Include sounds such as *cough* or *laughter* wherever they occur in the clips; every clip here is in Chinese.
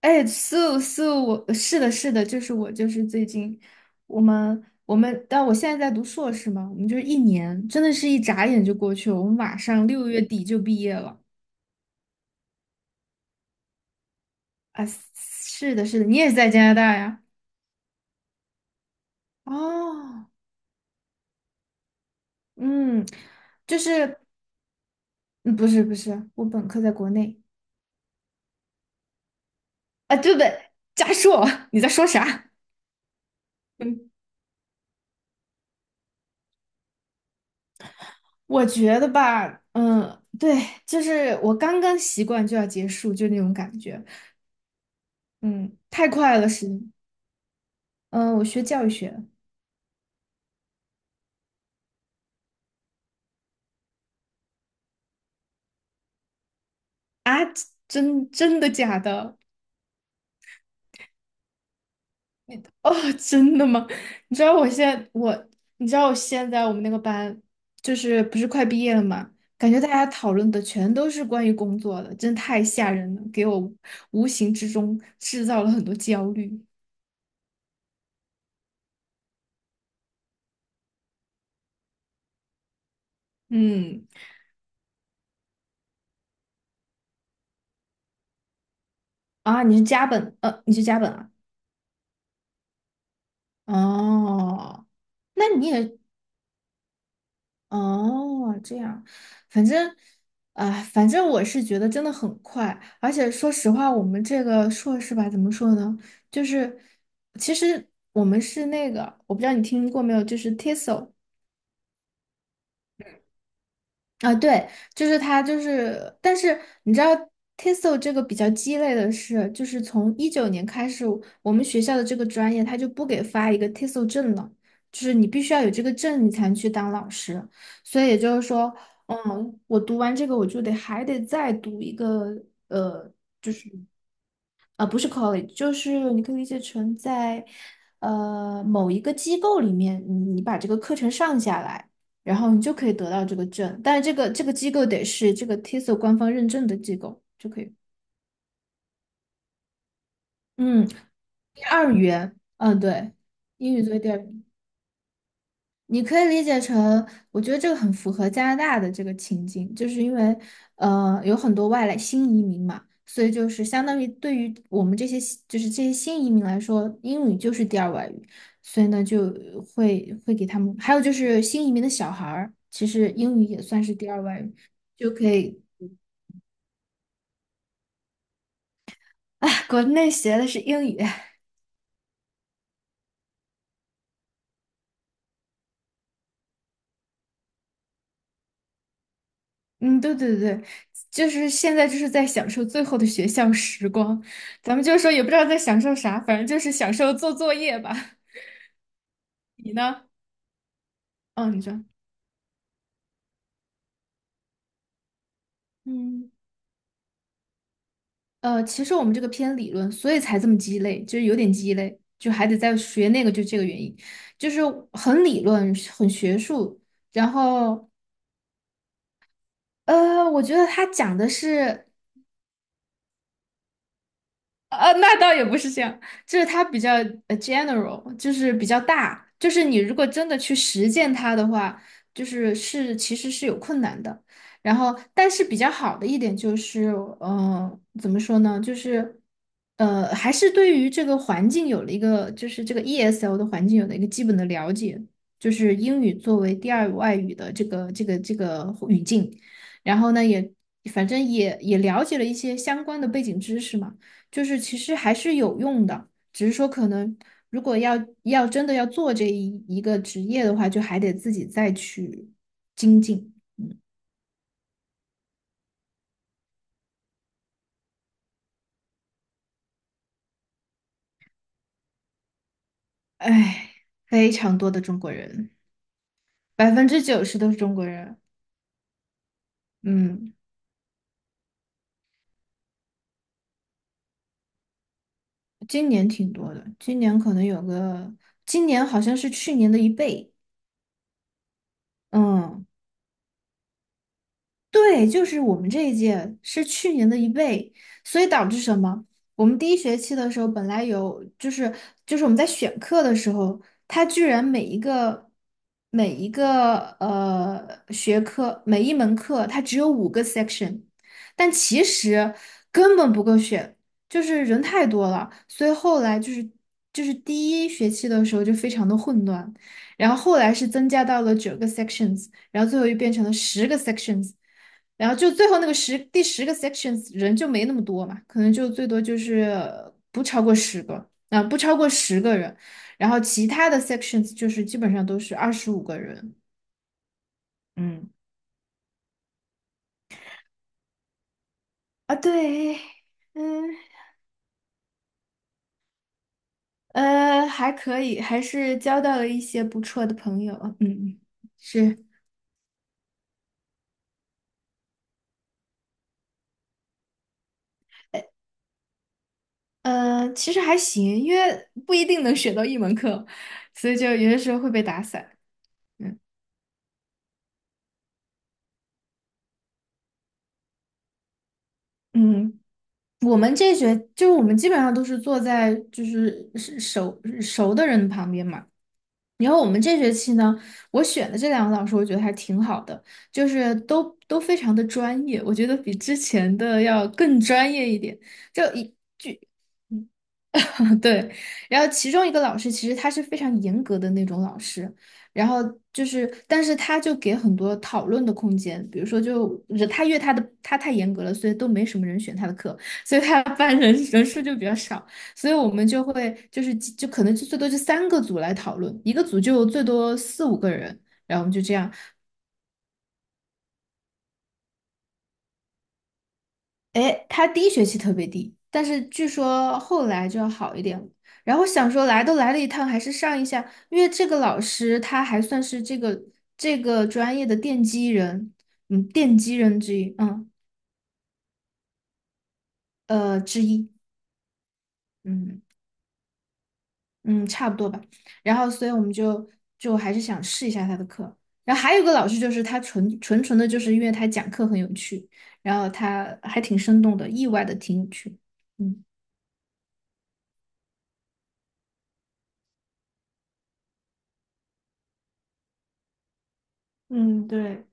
哎，素素，我是的，是的，就是我，就是最近我们，但我现在在读硕士嘛，我们就是一年，真的是一眨眼就过去了，我们马上6月底就毕业了啊！是的，是的，你也是在加拿大呀？哦，嗯，就是嗯不是不是，我本科在国内啊，对不对？加硕，*laughs* 你在说啥？嗯，我觉得吧，嗯，对，就是我刚刚习惯就要结束，就那种感觉。嗯，太快了，是，嗯，我学教育学，真真的假的？哦，*laughs* 真的吗？你知道我现在我，你知道我现在我们那个班，就是不是快毕业了嘛？感觉大家讨论的全都是关于工作的，真的太吓人了，给我无形之中制造了很多焦虑。嗯，啊，你是加本，你是加本啊？哦，那你也哦，这样，反正，啊、反正我是觉得真的很快，而且说实话，我们这个硕士吧，怎么说呢？就是，其实我们是那个，我不知道你听过没有，就是 TESOL，啊，对，就是它，就是，但是你知道，TESOL 这个比较鸡肋的是，就是从19年开始，我们学校的这个专业它就不给发一个 TESOL 证了，就是你必须要有这个证，你才能去当老师。所以也就是说，嗯，我读完这个，我就得还得再读一个。啊，不是 college，就是你可以理解成在某一个机构里面，你把这个课程上下来，然后你就可以得到这个证。但是这个机构得是这个 TESOL 官方认证的机构就可以。嗯，第二语言，嗯，对，英语作为第二。你可以理解成，我觉得这个很符合加拿大的这个情境，就是因为有很多外来新移民嘛，所以就是相当于对于我们这些新就是这些新移民来说，英语就是第二外语，所以呢就会给他们，还有就是新移民的小孩儿，其实英语也算是第二外语，就可以，哎，国内学的是英语，*laughs* 嗯，对对对，就是现在就是在享受最后的学校时光，咱们就是说也不知道在享受啥，反正就是享受做作业吧。*laughs* 你呢？嗯，你说，嗯，其实我们这个偏理论，所以才这么鸡肋，就是有点鸡肋，就还得再学那个，就这个原因，就是很理论，很学术。然后，我觉得他讲的是。那倒也不是这样，就是它比较general，就是比较大，就是你如果真的去实践它的话，就是是其实是有困难的。然后，但是比较好的一点就是，怎么说呢？就是，还是对于这个环境有了一个，就是这个 ESL 的环境有了一个基本的了解，就是英语作为第二外语的这个语境。然后呢，也反正也了解了一些相关的背景知识嘛。就是其实还是有用的，只是说可能如果要真的要做这一个职业的话，就还得自己再去精进。唉，非常多的中国人，90%都是中国人。嗯，今年挺多的，今年可能有个，今年好像是去年的一倍。嗯。对，就是我们这一届是去年的一倍，所以导致什么？我们第一学期的时候本来有，就是我们在选课的时候，它居然每一个学科每一门课它只有五个 section，但其实根本不够选，就是人太多了，所以后来就是第一学期的时候就非常的混乱，然后后来是增加到了九个 sections，然后最后又变成了十个 sections。然后就最后那个第十个 sections 人就没那么多嘛，可能就最多就是不超过十个，啊、不超过十个人，然后其他的 sections 就是基本上都是25个人嗯，啊，对，嗯还可以，还是交到了一些不错的朋友，嗯，是，其实还行，因为不一定能选到一门课，所以就有些时候会被打散，嗯。嗯，我们这学就是我们基本上都是坐在就是熟的人旁边嘛。然后我们这学期呢，我选的这两个老师，我觉得还挺好的，就是都非常的专业，我觉得比之前的要更专业一点。就一 *laughs* 对，然后其中一个老师其实他是非常严格的那种老师，然后就是，但是他就给很多讨论的空间，比如说就他因为他的他太严格了，所以都没什么人选他的课，*laughs* 所以他的班人数就比较少，所以我们就会就是就可能就最多就三个组来讨论，一个组就最多四五个人，然后我们就这样，哎，他第一学期特别低，但是据说后来就要好一点了。然后想说来都来了一趟，还是上一下，因为这个老师他还算是这个专业的奠基人，嗯，奠基人之一，嗯，之一，嗯嗯，差不多吧。然后所以我们就还是想试一下他的课。然后还有一个老师就是他纯的，就是因为他讲课很有趣，然后他还挺生动的，意外的挺有趣。嗯。嗯，对，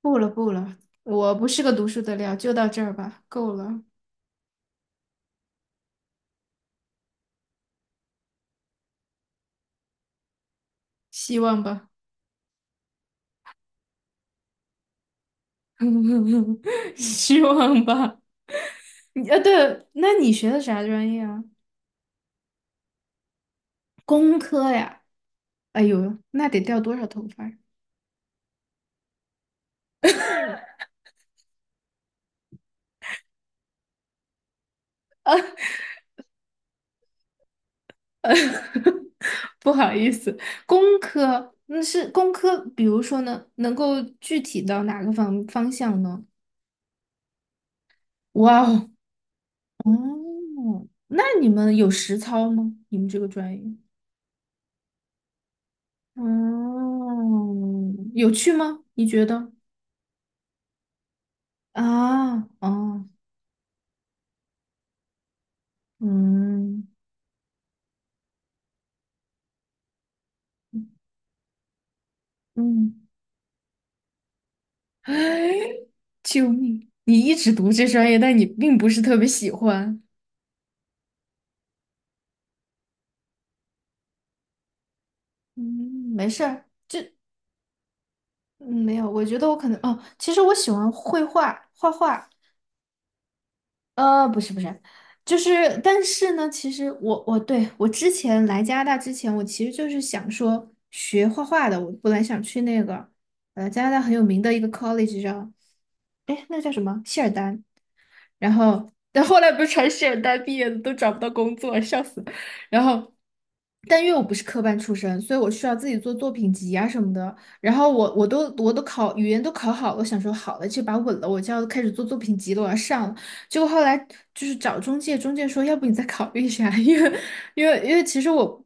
不了不了，我不是个读书的料，就到这儿吧，够了，希望吧，*laughs* 希望吧。你啊，对，那你学的啥专业啊？工科呀。哎呦，那得掉多少头发呀 *laughs* 不好意思，工科那是工科，比如说呢，能够具体到哪个方向呢？哇哦，哦，那你们有实操吗？你们这个专业？嗯，有趣吗？你觉得？啊，哦，嗯嗯，*laughs* 救命！你一直读这专业，但你并不是特别喜欢。嗯，没事儿，嗯，没有，我觉得我可能哦，其实我喜欢绘画，画画。不是不是，就是，但是呢，其实我对我之前来加拿大之前，我其实就是想说学画画的，我本来想去那个加拿大很有名的一个 college 叫，哎，那个叫什么？谢尔丹，然后，但后来不是传诗人毕业的都找不到工作，笑死。然后，但因为我不是科班出身，所以我需要自己做作品集啊什么的。然后我都考语言都考好了，我想说好了，这把稳了，我就要开始做作品集了，我要上了。结果后来就是找中介，中介说要不你再考虑一下，*laughs* 因为因为其实我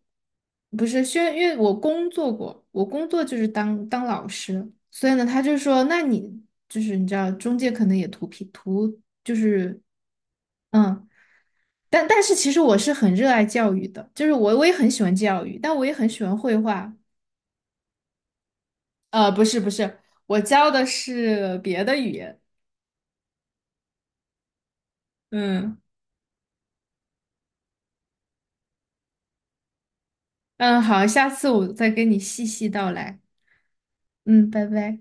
不是，虽然因为我工作过，我工作就是当老师，所以呢，他就说那你就是你知道中介可能也图便图就是嗯，但但是其实我是很热爱教育的，就是我也很喜欢教育，但我也很喜欢绘画。不是不是，我教的是别的语言。嗯嗯，好，下次我再跟你细细道来。嗯，拜拜。